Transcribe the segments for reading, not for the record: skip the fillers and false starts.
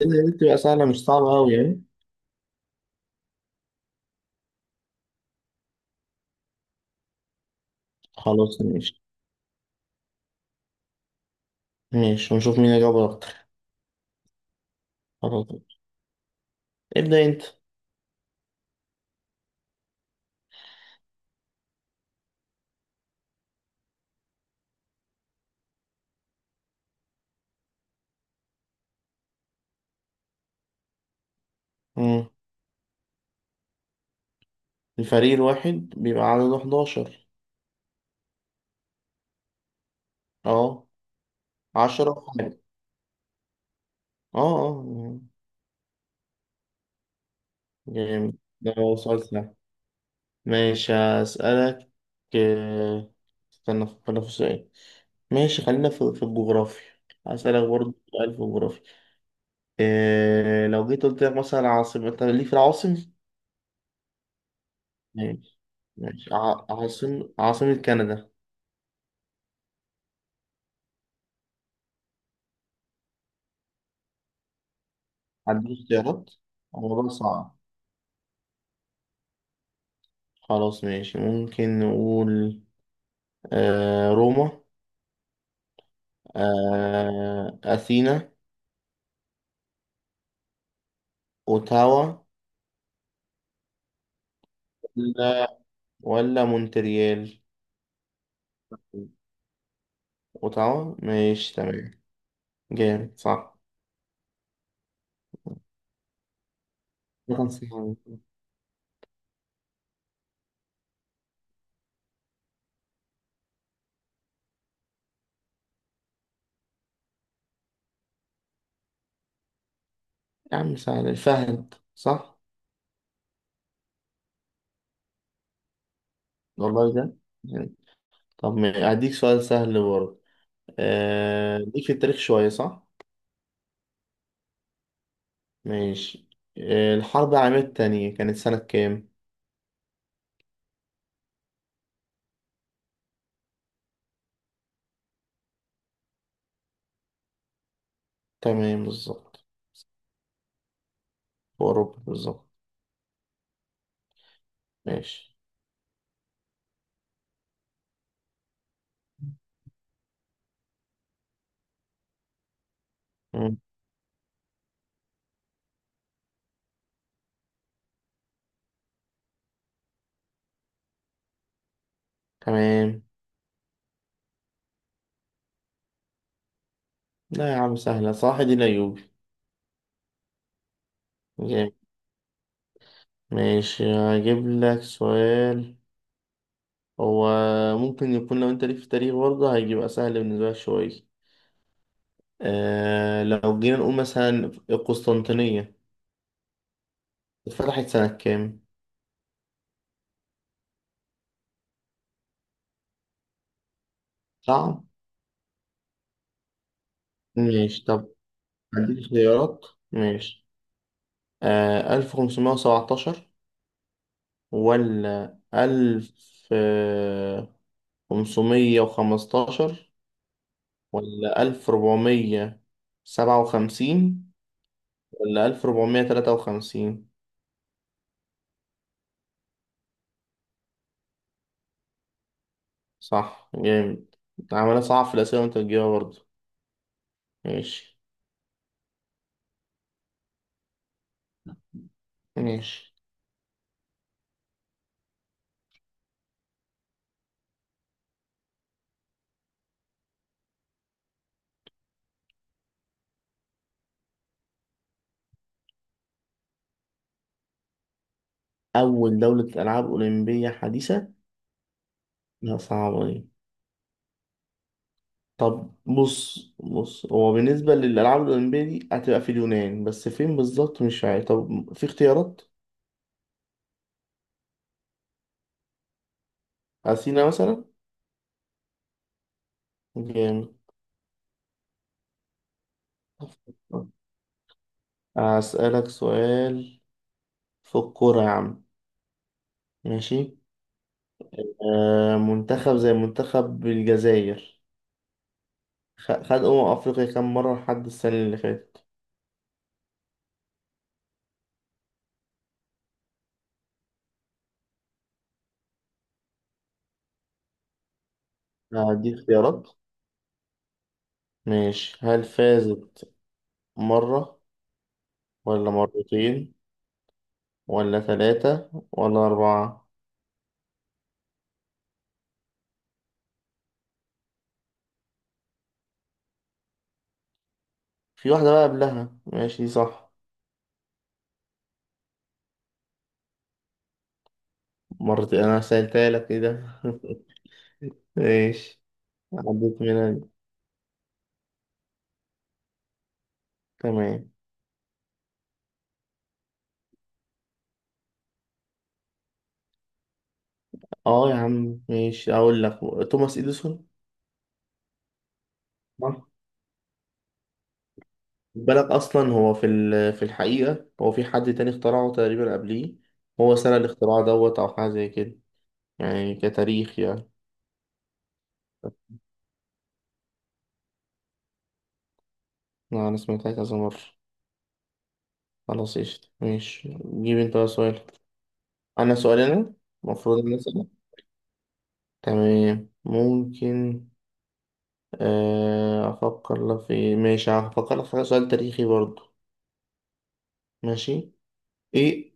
بتبقى سهلة مش صعبة أوي يعني. خلاص ماشي. ماشي ونشوف مين اللي جاب أكتر. خلاص، ابدأ أنت. مم. الفريق الواحد بيبقى عدده 11. أه. 10 في حاجة. أه، أه. جامد، ده سؤال سهل. ماشي هسألك. آه، استنى أفكر في سؤال. ماشي خلينا في الجغرافيا. هسألك برضه سؤال في الجغرافيا. إيه لو جيت قلت لك مثلا عاصمة، أنت ليك في العواصم؟ ماشي. ماشي، عاصمة كندا. عندي اختيارات، الموضوع صعب. خلاص ماشي، ممكن نقول روما، أثينا، أوتاوا، ولا ولا مونتريال. أوتاوا، ماشي تمام. جامد صح، ده كان سهل. يا عم سهل، فهد صح. والله ده. طب هديك سؤال سهل برضه. ليك في التاريخ شوية صح؟ ماشي. الحرب العالمية التانية كانت سنة كام؟ تمام بالظبط. في أوروبا بالظبط. ماشي. مم. تمام. لا يا عم سهلة، صح دي الأيوبي. جامد. ماشي هجيب لك سؤال. هو ممكن يكون لو أنت ليك في التاريخ برضه هيبقى سهل بالنسبة لك شوية. لو جينا نقول مثلا القسطنطينية اتفتحت سنة كام؟ صح؟ ماشي طب، هديك خيارات. ماشي. 1517 ولا 1515 ولا 1457 ولا 1453؟ صح، جامد. عملها صعب في الأسئلة وأنت بتجيبها برضه. ماشي. ماشي. أول دولة ألعاب أولمبية حديثة. لا صعبة دي. طب بص بص، هو بالنسبة للألعاب الأولمبية دي هتبقى في اليونان، بس فين بالظبط مش عارف. طب في اختيارات. أثينا مثلا. جامد. أسألك سؤال في الكورة يا عم. ماشي. منتخب زي منتخب الجزائر خد أمم أفريقيا كام مرة لحد السنة اللي فاتت؟ هدي اختيارات. ماشي، هل فازت مرة ولا مرتين ولا ثلاثة ولا أربعة؟ في واحدة بقى قبلها، ماشي صح. مرتين، أنا سألتها لك، إيه ده؟ ماشي، عديت منها دي. تمام. اه يا عم ماشي أقول لك، توماس إديسون. بالك اصلا هو في الحقيقه هو في حد تاني اخترعه تقريبا قبليه. هو سنه الاختراع دوت او حاجه زي كده، يعني كتاريخ يعني. لا، انا سمعتها كذا مره. خلاص قشطة، ماشي. جيب انت بقى سؤال. انا سؤالي انا، المفروض ان اسال. تمام ممكن. آه، افكر لك في ماشي هفكر لك في سؤال تاريخي برضو. ماشي. ايه،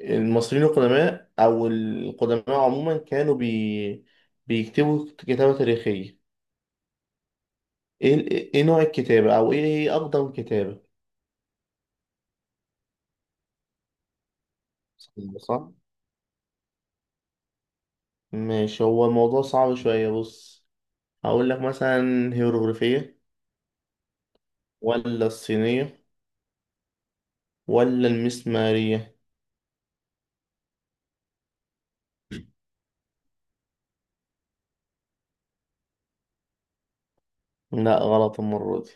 المصريين القدماء او القدماء عموما كانوا بيكتبوا كتابة تاريخية. ايه نوع الكتابة، او ايه هي اقدم كتابة؟ صح. ماشي، هو الموضوع صعب شوية، بص. هقول لك مثلا هيروغليفية، ولا الصينية، ولا المسمارية. لا، غلط المرة دي.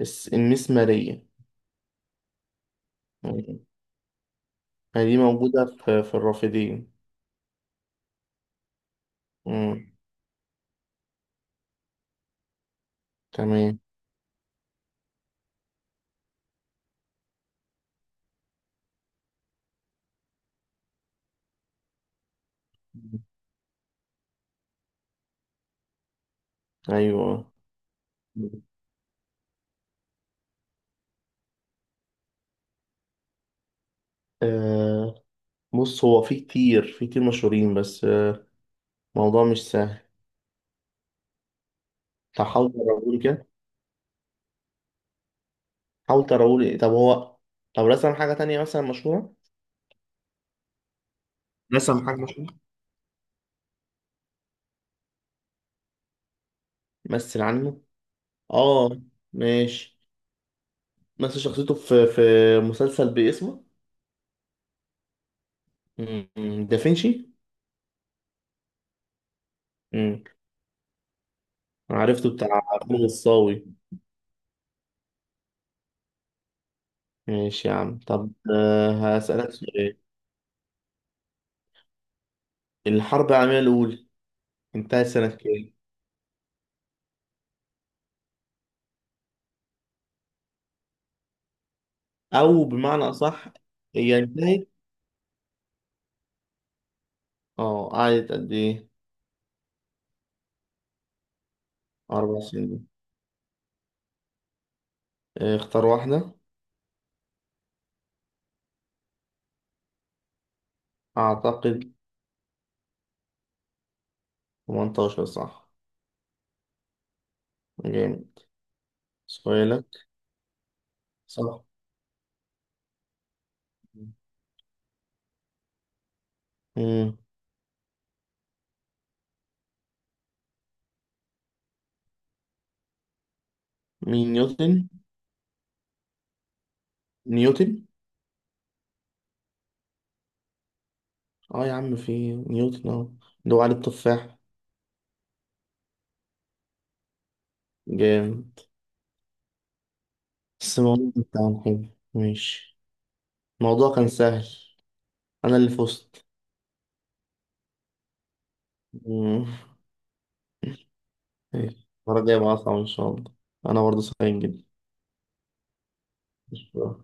بس المسمارية. مم. دي موجودة في الرافدين. مم. تمام. مم. ايوه. مم. آه بص، هو في كتير مشهورين، بس الموضوع مش سهل. طب حاول تقولي كده. حاول تقولي، طب هو طب رسم حاجة تانية مثلا مشهورة. رسم حاجة مشهورة. مثل عنه. اه ماشي، مثل شخصيته في مسلسل باسمه. مم. دافنشي. مم. عرفته، بتاع فيلم الصاوي. ماشي يا عم، طب هسألك سؤال. الحرب العالمية الأولى انتهت سنة كام؟ أو بمعنى أصح، هي انتهت. اه قعدت قد إيه؟ 4 سنين. اختار واحدة. أعتقد 18، صح. جامد. سؤالك. صح. مم. مين، نيوتن؟ نيوتن؟ اه يا عم، في نيوتن اهو، اللي هو عليه التفاح. جامد. بس الموضوع ده بتاعنا حلو. ماشي. الموضوع كان سهل، انا اللي فزت. مم. ماشي. المرة الجاية بقى اصعب ان شاء الله. انا برضه سعيد جدا. شكرا.